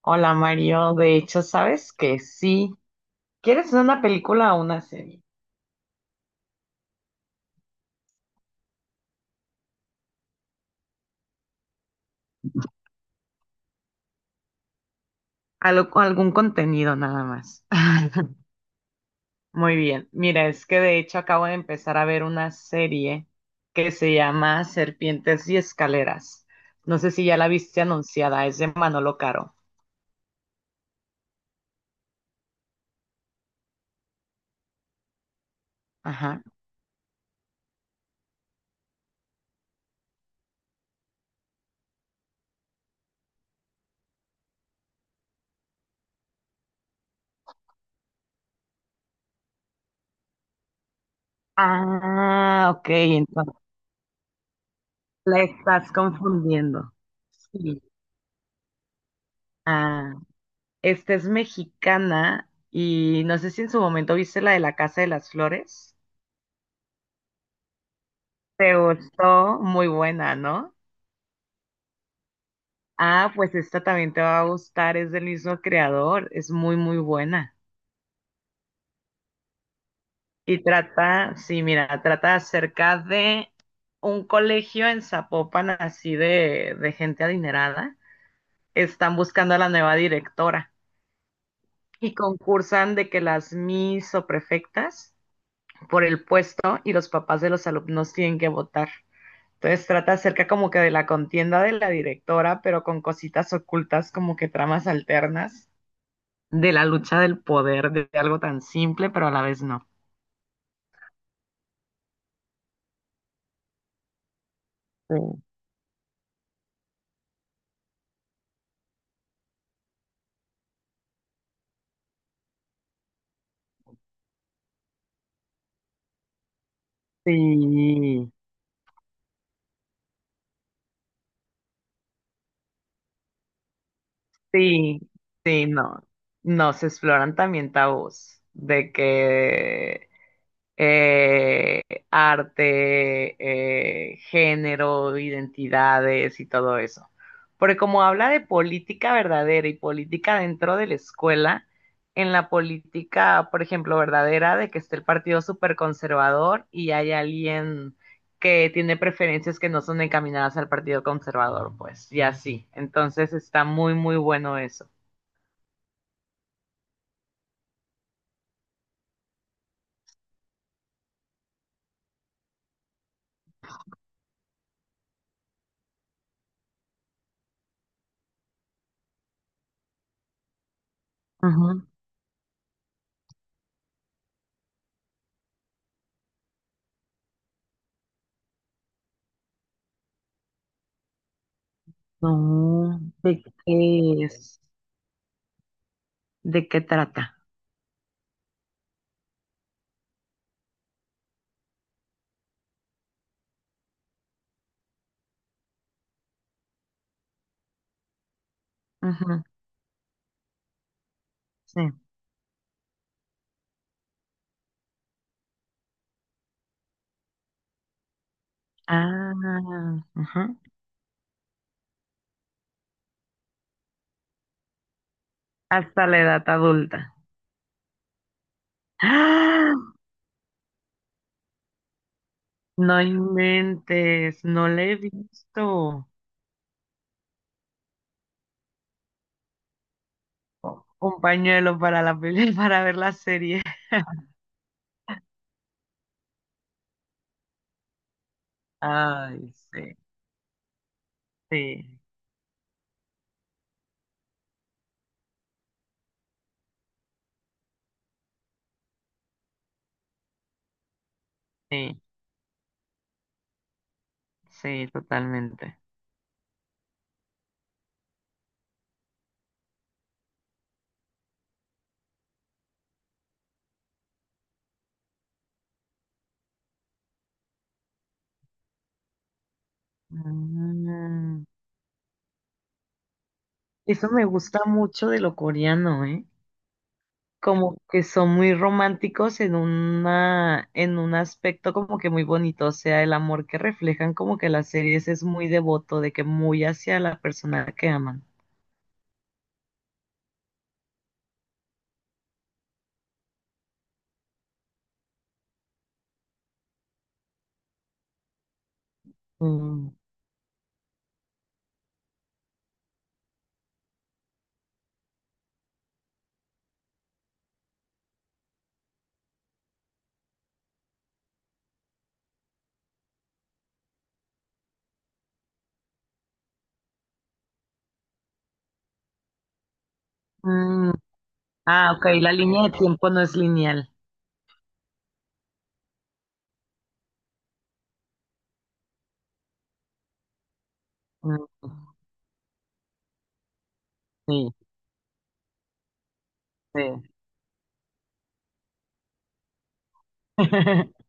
Hola Mario, de hecho, ¿sabes que sí? ¿Quieres una película o una serie? Algún contenido nada más. Muy bien, mira, es que de hecho acabo de empezar a ver una serie que se llama Serpientes y Escaleras. No sé si ya la viste anunciada, es de Manolo Caro. Ajá. Ah, ok, entonces la estás confundiendo. Sí. Ah. Esta es mexicana y no sé si en su momento viste la de la Casa de las Flores. Te gustó, muy buena, ¿no? Ah, pues esta también te va a gustar, es del mismo creador, es muy, muy buena. Y trata, sí, mira, trata acerca de un colegio en Zapopan, así de gente adinerada. Están buscando a la nueva directora y concursan de que las mis o prefectas por el puesto y los papás de los alumnos tienen que votar. Entonces trata acerca como que de la contienda de la directora, pero con cositas ocultas como que tramas alternas de la lucha del poder, de algo tan simple, pero a la vez no. Sí. Sí, sí, sí, no. No, se exploran también tabús de que eh, arte, género, identidades y todo eso. Porque como habla de política verdadera y política dentro de la escuela, en la política, por ejemplo, verdadera, de que esté el partido súper conservador y hay alguien que tiene preferencias que no son encaminadas al partido conservador, pues, y así. Entonces está muy, muy bueno eso. Ajá. No, ¿de qué es? ¿De qué trata? Ujú, sí. Ah, ajá. Hasta la edad adulta. ¡Ah! No inventes, no le he visto. Un pañuelo para la peli, para ver la serie. Ay, sí, sí, sí, sí, totalmente. Mm, Eso me gusta mucho de lo coreano, ¿eh? Como que son muy románticos en una, en un aspecto como que muy bonito, o sea, el amor que reflejan como que las series es muy devoto, de que muy hacia la persona que aman. Mm, mm, Ah, ok, la línea de tiempo no es lineal. Mm, sí, sí.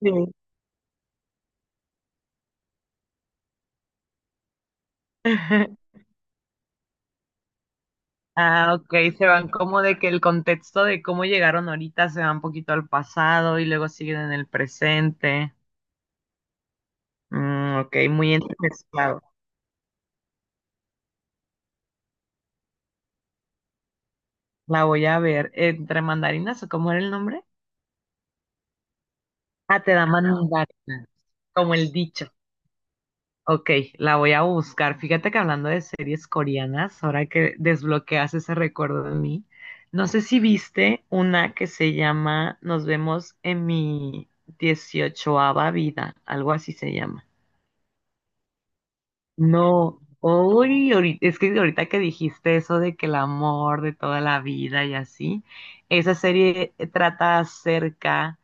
Sí. Ah, ok, se van como de que el contexto de cómo llegaron ahorita se va un poquito al pasado y luego siguen en el presente. Ok, muy entremezclado. La voy a ver. ¿Entre mandarinas o cómo era el nombre? Ah, te da mandarinas, como el dicho. Ok, la voy a buscar. Fíjate que hablando de series coreanas, ahora que desbloqueas ese recuerdo de mí, no sé si viste una que se llama Nos vemos en mi 18.ª vida, algo así se llama. No, hoy, es que ahorita que dijiste eso de que el amor de toda la vida y así, esa serie trata acerca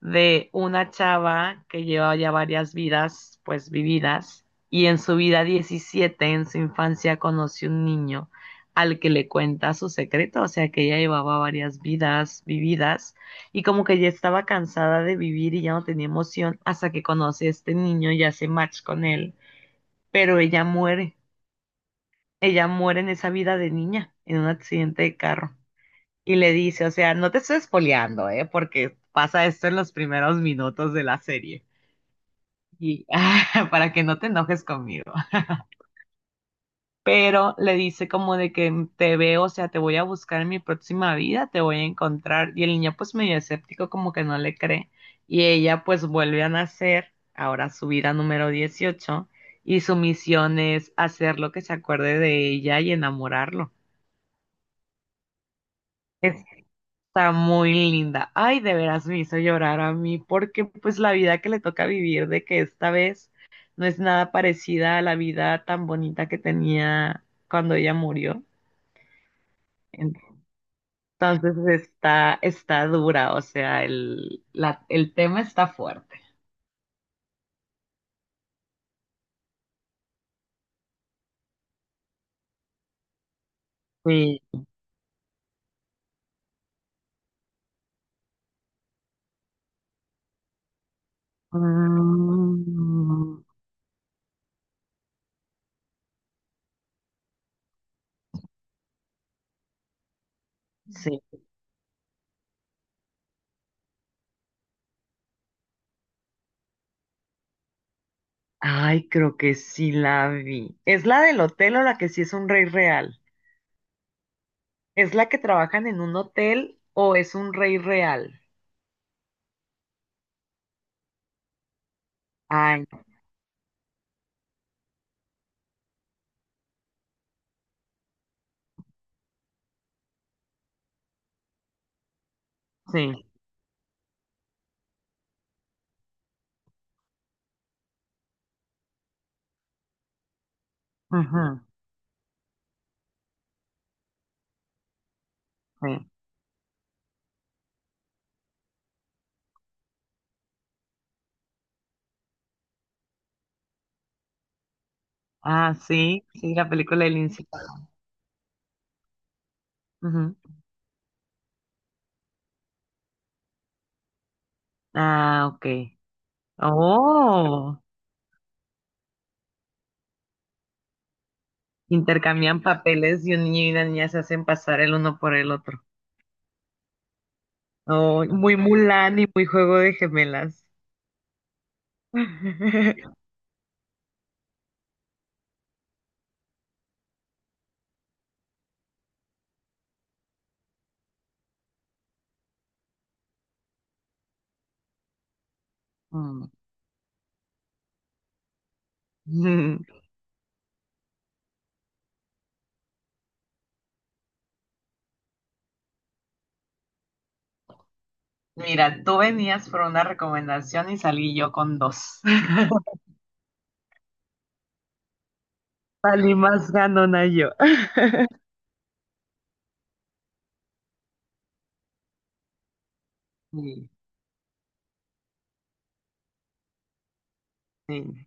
de una chava que lleva ya varias vidas, pues vividas, y en su vida 17 en su infancia, conoce un niño al que le cuenta su secreto, o sea que ella llevaba varias vidas vividas y como que ya estaba cansada de vivir y ya no tenía emoción hasta que conoce a este niño y hace match con él pero ella muere en esa vida de niña, en un accidente de carro. Y le dice, o sea, no te estoy espoleando, ¿eh? Porque pasa esto en los primeros minutos de la serie. Y para que no te enojes conmigo. Pero le dice como de que "Mm, te veo, o sea, te voy a buscar en mi próxima vida, te voy a encontrar." Y el niño pues medio escéptico como que no le cree. Y ella pues vuelve a nacer, ahora su vida número 18 y su misión es hacer lo que se acuerde de ella y enamorarlo. Está muy linda. Ay, de veras me hizo llorar a mí porque pues la vida que le toca vivir de que esta vez no es nada parecida a la vida tan bonita que tenía cuando ella murió. Entonces está, está dura, o sea, el tema está fuerte. Sí. Mm, sí. Ay, creo que sí la vi. ¿Es la del hotel o la que sí es un rey real? ¿Es la que trabajan en un hotel o es un rey real? Ay, sí. Ujú, sí. Ah, sí, sí, la película de Lindsay. Ujú. Ah, ok. Oh, intercambian papeles y un niño y una niña se hacen pasar el uno por el otro. Oh, muy Mulan y muy Juego de Gemelas. Mm. Mira, tú venías por una recomendación y salí yo con dos. Salí más ganona yo. Sí, sí.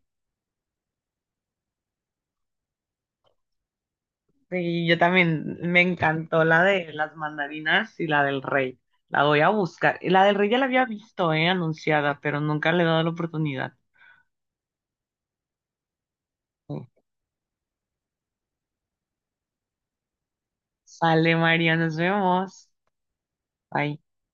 Sí, yo también me encantó la de las mandarinas y la del rey. La voy a buscar. La del rey ya la había visto, anunciada, pero nunca le he dado la oportunidad. Sí. Sale, María, nos vemos. Bye.